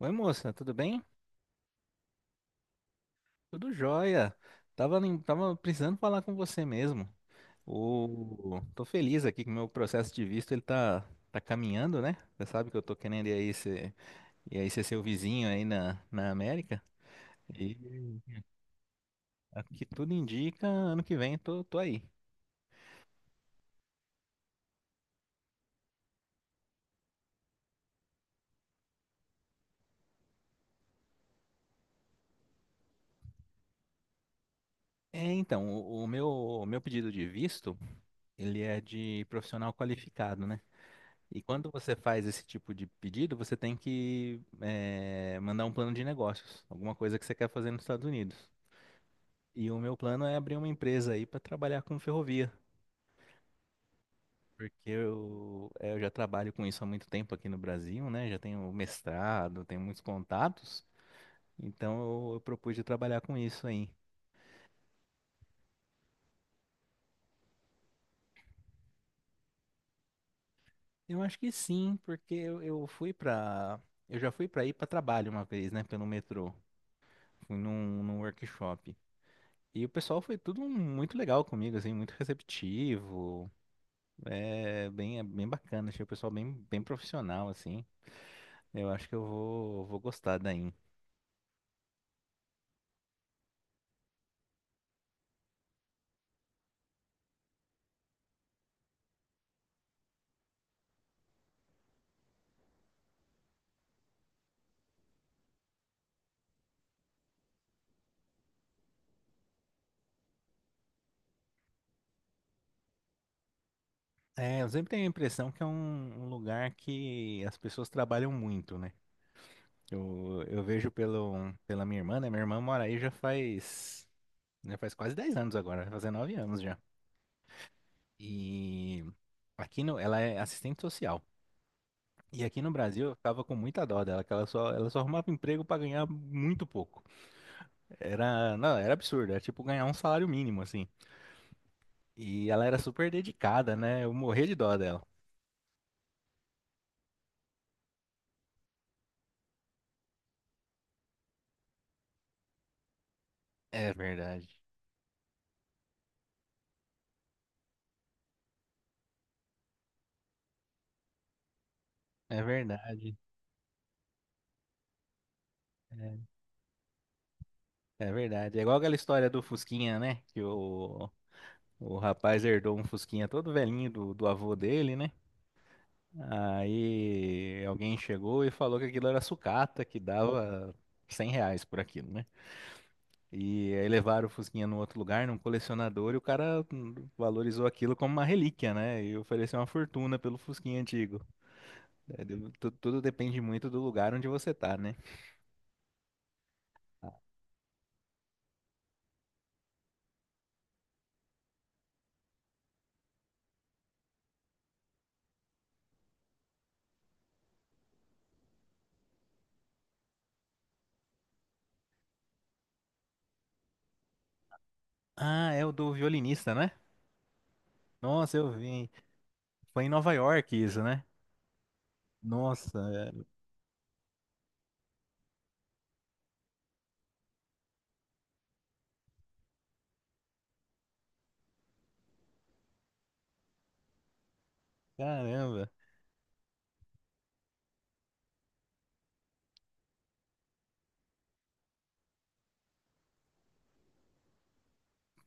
Oi, moça, tudo bem? Tudo jóia. Tava, nem- tava precisando falar com você mesmo. Tô feliz aqui que o meu processo de visto tá caminhando, né? Você sabe que eu tô querendo ir aí ser seu vizinho aí na América. E aqui tudo indica, ano que vem tô aí. É, então, o meu pedido de visto, ele é de profissional qualificado, né? E quando você faz esse tipo de pedido, você tem que mandar um plano de negócios, alguma coisa que você quer fazer nos Estados Unidos. E o meu plano é abrir uma empresa aí para trabalhar com ferrovia, porque eu já trabalho com isso há muito tempo aqui no Brasil, né? Já tenho mestrado, tenho muitos contatos, então eu propus de trabalhar com isso aí. Eu acho que sim, porque eu fui para, eu já fui para ir para trabalho uma vez, né? Pelo metrô, fui num workshop. E o pessoal foi tudo muito legal comigo, assim, muito receptivo. É bem bacana, achei o pessoal bem profissional, assim. Eu acho que vou gostar daí. É, eu sempre tenho a impressão que é um lugar que as pessoas trabalham muito, né? Eu vejo pelo, pela minha irmã, né? Minha irmã mora aí já faz quase 10 anos agora, vai fazer 9 anos já. E aqui no, ela é assistente social. E aqui no Brasil eu ficava com muita dó dela, que ela só arrumava emprego para ganhar muito pouco. Era, não, era absurdo, era tipo ganhar um salário mínimo, assim. E ela era super dedicada, né? Eu morria de dó dela. É verdade. É verdade. É, é verdade. É igual aquela história do Fusquinha, né? O rapaz herdou um Fusquinha todo velhinho do avô dele, né? Aí alguém chegou e falou que aquilo era sucata, que dava 100 reais por aquilo, né? E aí levaram o Fusquinha num outro lugar, num colecionador, e o cara valorizou aquilo como uma relíquia, né? E ofereceu uma fortuna pelo Fusquinha antigo. Tudo depende muito do lugar onde você tá, né? Ah, é o do violinista, né? Nossa, eu vi. Foi em Nova York isso, né? Nossa, é, caramba.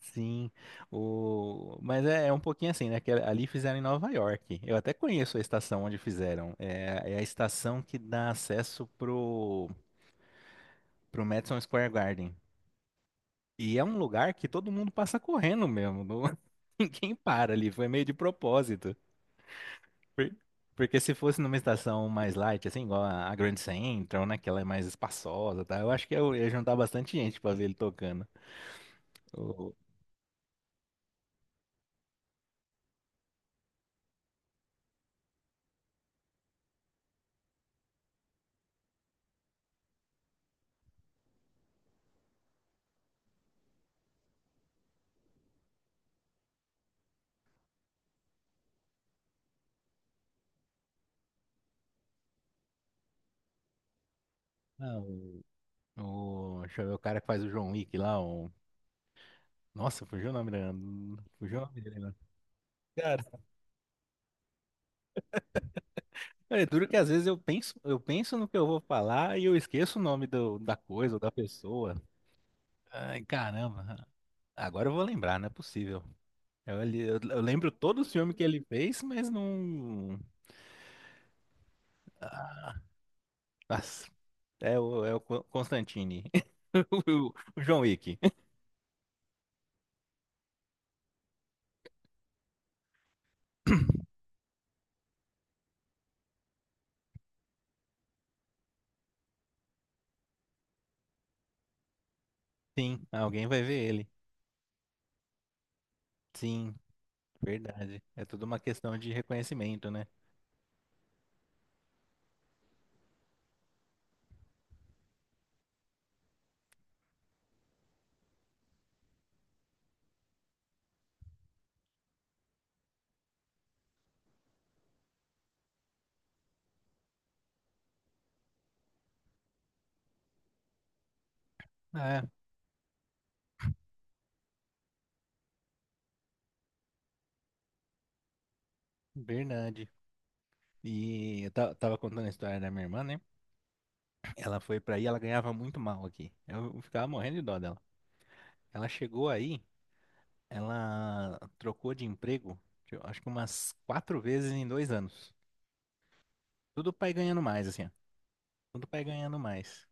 Sim. Mas é um pouquinho assim, né? Que ali fizeram em Nova York. Eu até conheço a estação onde fizeram. É a estação que dá acesso pro, pro Madison Square Garden. E é um lugar que todo mundo passa correndo mesmo. Ninguém para ali. Foi meio de propósito. Por- Porque se fosse numa estação mais light, assim, igual a Grand Central, né? Que ela é mais espaçosa, tá? Eu acho que eu ia juntar bastante gente pra ver ele tocando. O, ah, o- deixa eu ver o cara que faz o John Wick lá, o. Nossa, fugiu o nome dele. Fugiu o nome dele, né? Cara, é duro que às vezes eu penso no que eu vou falar e eu esqueço o nome da coisa ou da pessoa. Ai, caramba. Agora eu vou lembrar, não é possível. Eu lembro todo o filme que ele fez, mas não. Ah, Nossa, é o Constantine. O John Wick. Sim, alguém vai ver ele. Sim, verdade. É tudo uma questão de reconhecimento, né? É, verdade. Tava contando a história da minha irmã, né? Ela foi pra aí, ela ganhava muito mal aqui. Eu ficava morrendo de dó dela. Ela chegou aí, ela trocou de emprego, eu acho que umas quatro vezes em dois anos. Tudo pra ir ganhando mais, assim, ó. Tudo pra ir ganhando mais.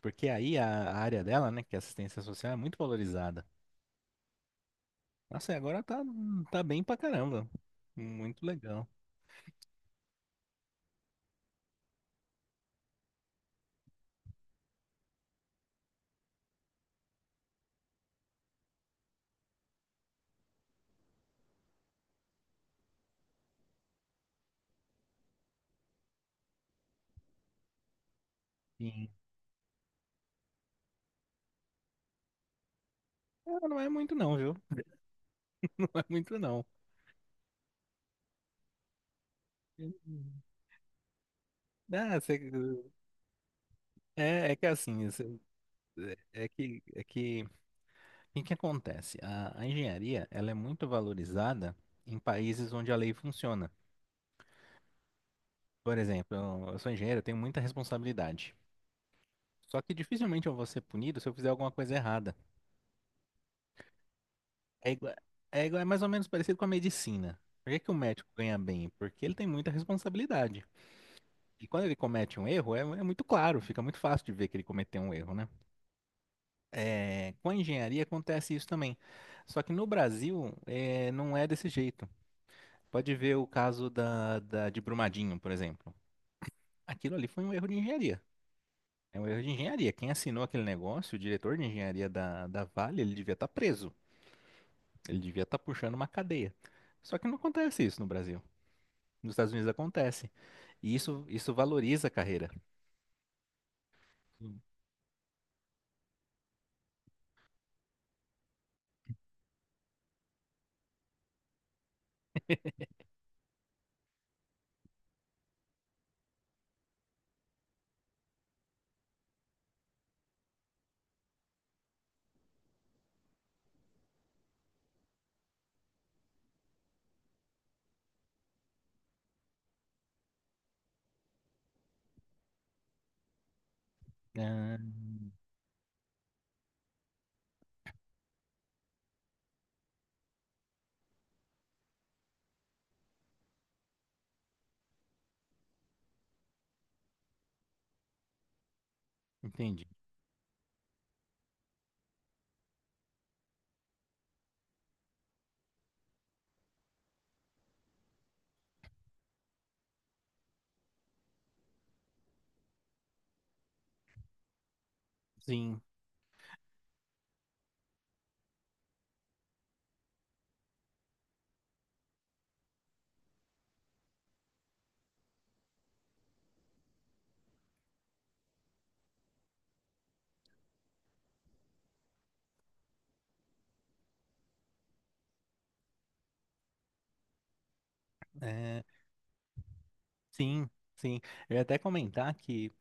Porque aí a área dela, né, que é assistência social, é muito valorizada. Nossa, e agora tá, tá bem pra caramba. Muito legal. Sim. Ah, não é muito não, viu? Não é muito não. Ah, cê- é, é que assim, cê- é é que, O que que acontece? A engenharia, ela é muito valorizada em países onde a lei funciona. Por exemplo, eu sou engenheiro, eu tenho muita responsabilidade. Só que dificilmente eu vou ser punido se eu fizer alguma coisa errada. É igual, é mais ou menos parecido com a medicina. Por que que o médico ganha bem? Porque ele tem muita responsabilidade. E quando ele comete um erro, é muito claro, fica muito fácil de ver que ele cometeu um erro, né? É, com a engenharia acontece isso também. Só que no Brasil, não é desse jeito. Pode ver o caso de Brumadinho, por exemplo. Aquilo ali foi um erro de engenharia. É um erro de engenharia. Quem assinou aquele negócio, o diretor de engenharia da Vale, ele devia estar preso. Ele devia estar puxando uma cadeia. Só que não acontece isso no Brasil. Nos Estados Unidos acontece. E isso valoriza a carreira. Sim. Ah, entendi. Sim, é, sim, sim. Eu ia até comentar que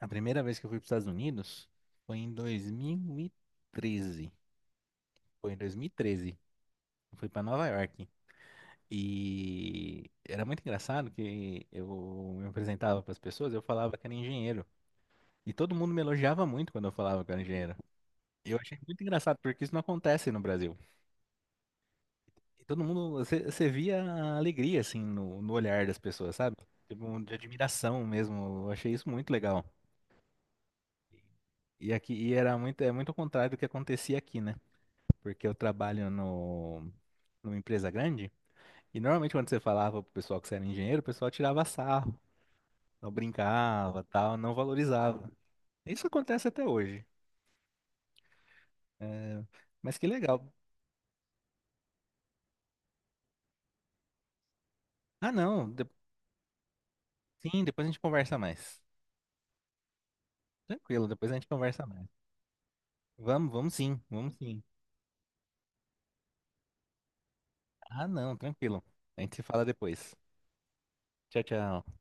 a primeira vez que eu fui para os Estados Unidos foi em 2013. Foi em 2013. Eu fui para Nova York. E era muito engraçado que eu me apresentava para as pessoas, eu falava que era engenheiro. E todo mundo me elogiava muito quando eu falava que era engenheiro. E eu achei muito engraçado, porque isso não acontece no Brasil. E todo mundo, você via a alegria, assim, no olhar das pessoas, sabe? Tipo, um de admiração mesmo. Eu achei isso muito legal. E aqui, e era muito, é muito ao contrário do que acontecia aqui, né? Porque eu trabalho no, numa empresa grande, e normalmente quando você falava pro pessoal que você era engenheiro, o pessoal tirava sarro, não brincava, tal, não valorizava. Isso acontece até hoje. Né? Mas que legal. Ah, não. Sim, depois a gente conversa mais. Tranquilo, depois a gente conversa mais. Vamos sim. Ah, não, tranquilo. A gente se fala depois. Tchau, tchau.